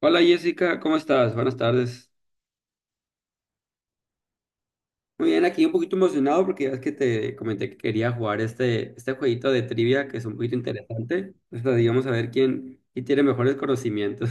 Hola Jessica, ¿cómo estás? Buenas tardes. Muy bien, aquí un poquito emocionado porque ya es que te comenté que quería jugar este jueguito de trivia que es un poquito interesante. Entonces, digamos a ver quién tiene mejores conocimientos.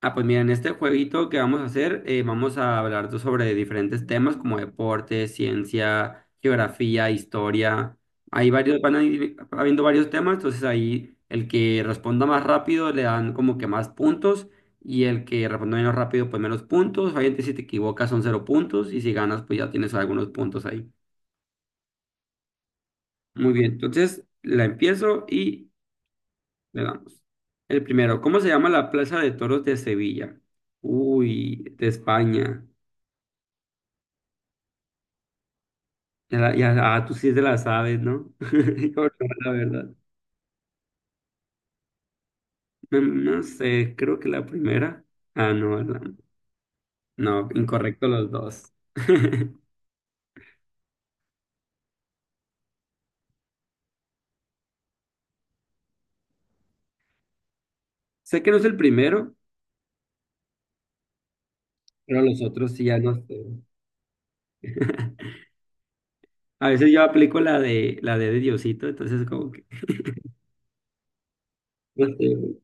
Ah, pues mira, en este jueguito que vamos a hacer, vamos a hablar sobre diferentes temas como deporte, ciencia, geografía, historia. Hay varios, van a ir habiendo varios temas, entonces ahí el que responda más rápido le dan como que más puntos y el que responda menos rápido pues menos puntos. Obviamente si te equivocas son cero puntos y si ganas pues ya tienes algunos puntos ahí. Muy bien, entonces la empiezo y le damos. El primero, ¿cómo se llama la Plaza de Toros de Sevilla? Uy, de España. Tú sí te la sabes, ¿no? Yo no, la verdad. No, no sé, creo que la primera. Ah, no, la- no, incorrecto los dos. Sé que no es el primero, pero los otros sí ya no sé. A veces yo aplico la de la de Diosito, entonces como que no sé. Güey.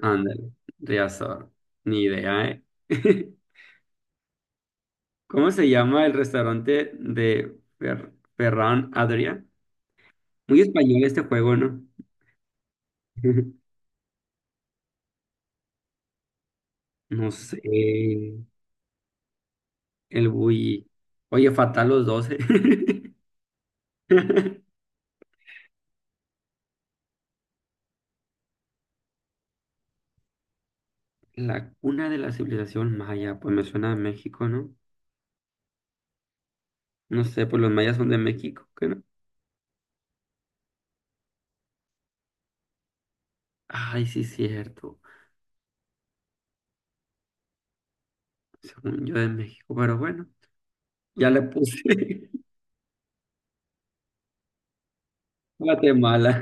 Ándale, Riazor, ni idea, ¿eh? ¿Cómo se llama el restaurante de Ferran Adrià? Muy español este juego, ¿no? No sé. El bully. Oye, fatal los 12. La cuna de la civilización maya, pues me suena a México, ¿no? No sé, pues los mayas son de México, ¿qué no? Ay, sí, cierto. Según yo de México, pero bueno, ya le puse Guatemala.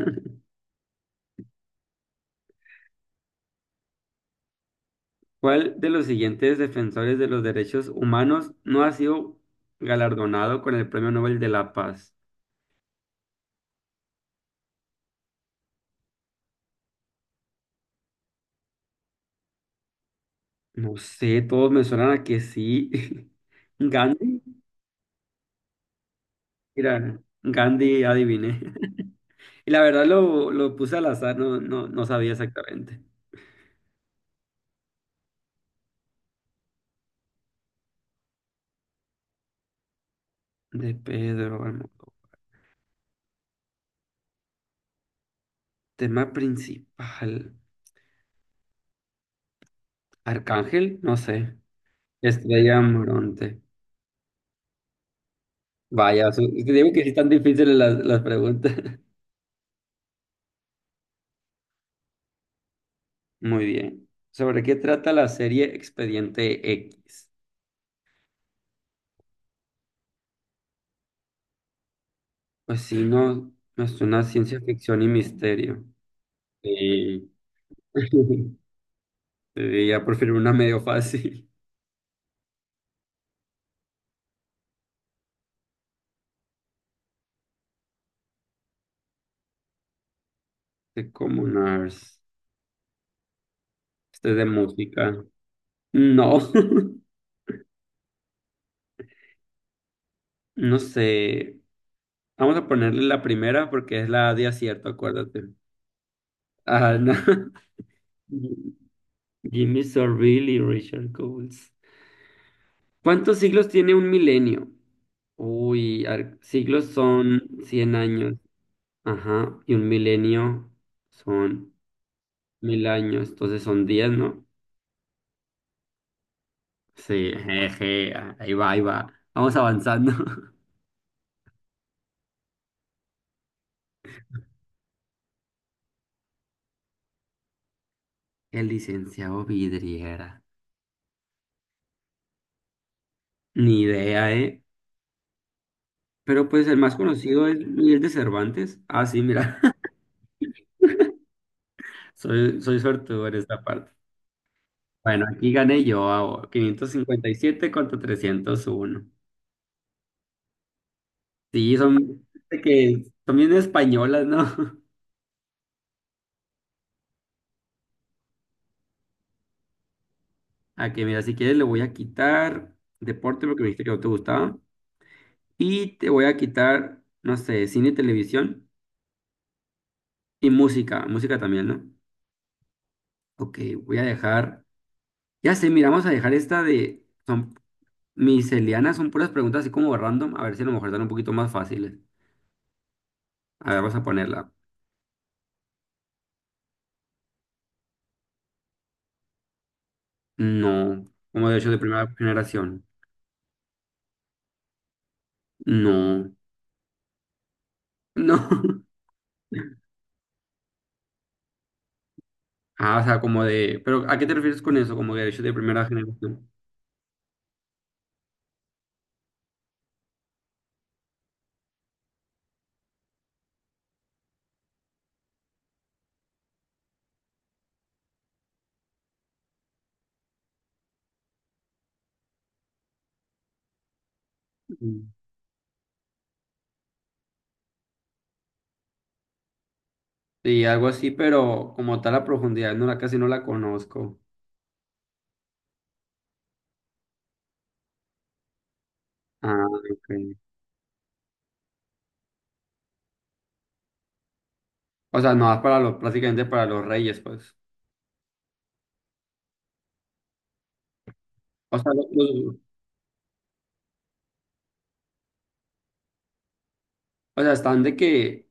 ¿Cuál de los siguientes defensores de los derechos humanos no ha sido galardonado con el Premio Nobel de la Paz? No sé, todos me suenan a que sí. Gandhi, mira, Gandhi, adiviné. Y la verdad lo puse al azar, no sabía exactamente. De Pedro Almodóvar. Tema principal. Arcángel, no sé. Estrella Morente. Vaya, es que digo que sí están difíciles las preguntas. Muy bien. ¿Sobre qué trata la serie Expediente X? Pues sí, no, no es una ciencia ficción y misterio. Sí. Sí, ya prefiero una medio fácil. De Comunars. Este es de música. No. No sé, vamos a ponerle la primera porque es la de acierto, acuérdate. Ah, no. Jimmy Savile y Richard Coles. ¿Cuántos siglos tiene un milenio? Uy, a ver, siglos son 100 años, ajá, y un milenio son mil años, entonces son 10, ¿no? Sí, jeje, ahí va, ahí va. Vamos avanzando. El licenciado Vidriera. Ni idea, ¿eh? Pero pues el más conocido es Miguel de Cervantes. Ah, sí, mira, soy suertudo en esta parte. Bueno, aquí gané yo, ah, 557 contra 301. Sí, son, que son bien españolas, ¿no? Aquí, mira, si quieres le voy a quitar deporte porque me dijiste que no te gustaba. Y te voy a quitar, no sé, cine y televisión. Y música, música también, ¿no? Ok, voy a dejar. Ya sé, mira, vamos a dejar esta de. Son Mis Elianas son puras preguntas así como random, a ver si a lo mejor están un poquito más fáciles. A ver, vamos a ponerla. No, como de hecho de primera generación. No, no. Ah, o sea, como de, pero ¿a qué te refieres con eso? Como derechos de primera generación. Mm. Sí, algo así, pero como tal la profundidad, no la casi no la conozco. Ah, ok. O sea, no, es para los, prácticamente para los reyes, pues. O sea, o sea, están de que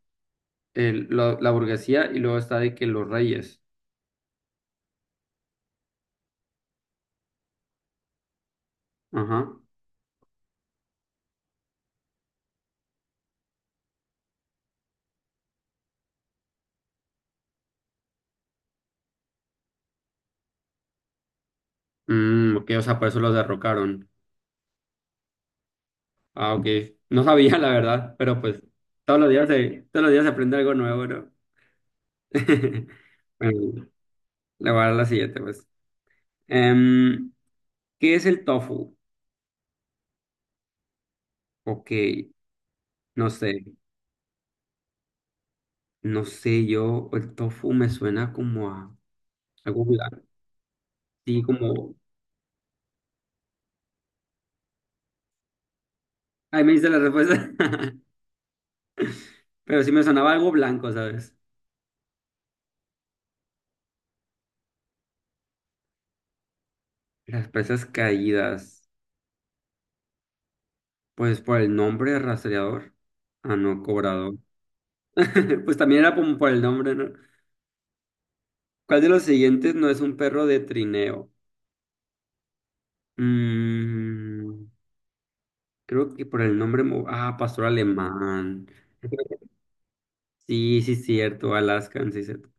la burguesía y luego está de que los reyes. Ajá. Mm, ok, o sea, por eso los derrocaron. Ah, ok. No sabía, la verdad, pero pues todos los días todos los días se aprende algo nuevo, ¿no? Bueno, le voy a dar la siguiente, pues. Em, ¿Qué es el tofu? Ok, no sé, no sé, yo, el tofu me suena como a algo blanco, sí, como, ay, me dice la respuesta, pero sí me sonaba algo blanco, ¿sabes? Las presas caídas, pues por el nombre rastreador, ah, no, cobrador. Pues también era como por el nombre, ¿no? ¿Cuál de los siguientes no es un perro de trineo? Mm, creo que por el nombre. Ah, pastor alemán. Sí, sí, cierto. Alaskan, sí, cierto.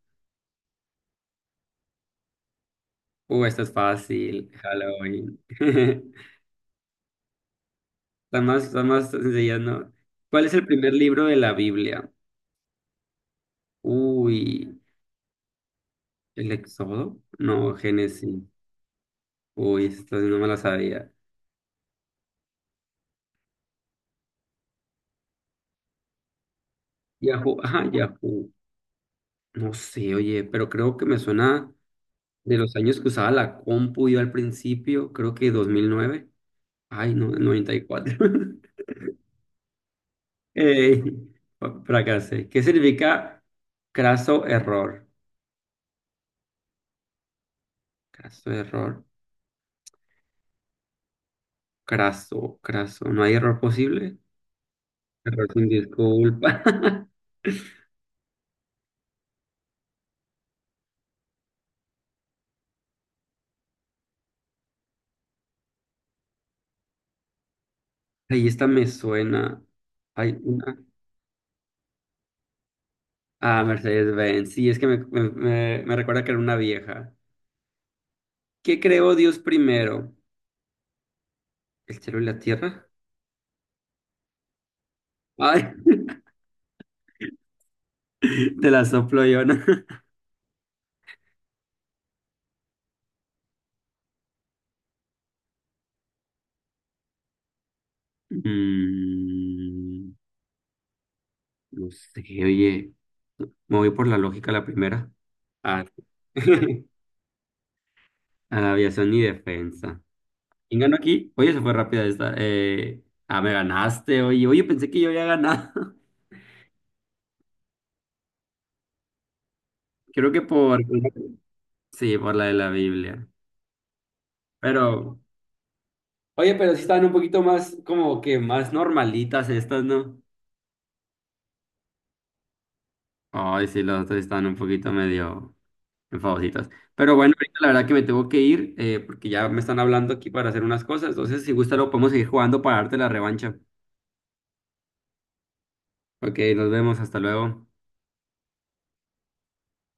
Esta es fácil. Halloween. Las más sencillas, ¿no? ¿Cuál es el primer libro de la Biblia? Uy, ¿el Éxodo? No, Génesis. Uy, esta sí no me la sabía. Yahoo, ajá, Yahoo. No sé, oye, pero creo que me suena. De los años que usaba la compu yo al principio, creo que 2009. Ay, no, 94. Eh, fracasé. ¿Qué significa craso error? Craso error. Craso. ¿No hay error posible? Error sin disculpa. Ahí esta me suena. Hay una. Ah, Mercedes-Benz. Sí, es que me recuerda que era una vieja. ¿Qué creó Dios primero? ¿El cielo y la tierra? Ay, te la soplo yo, ¿no? Mm, no sé, oye, me voy por la lógica la primera. A, a la aviación y defensa. ¿Quién ganó aquí? Oye, se fue rápida esta. Me ganaste, oye. Oye, pensé que yo había ganado. Creo que por... Sí, por la de la Biblia. Pero... Oye, pero sí están un poquito más, como que más normalitas estas, ¿no? Ay, sí, las otras sí están un poquito medio... en favoritas. Pero bueno, ahorita la verdad que me tengo que ir porque ya me están hablando aquí para hacer unas cosas. Entonces, si gusta, lo podemos seguir jugando para darte la revancha. Ok, nos vemos, hasta luego.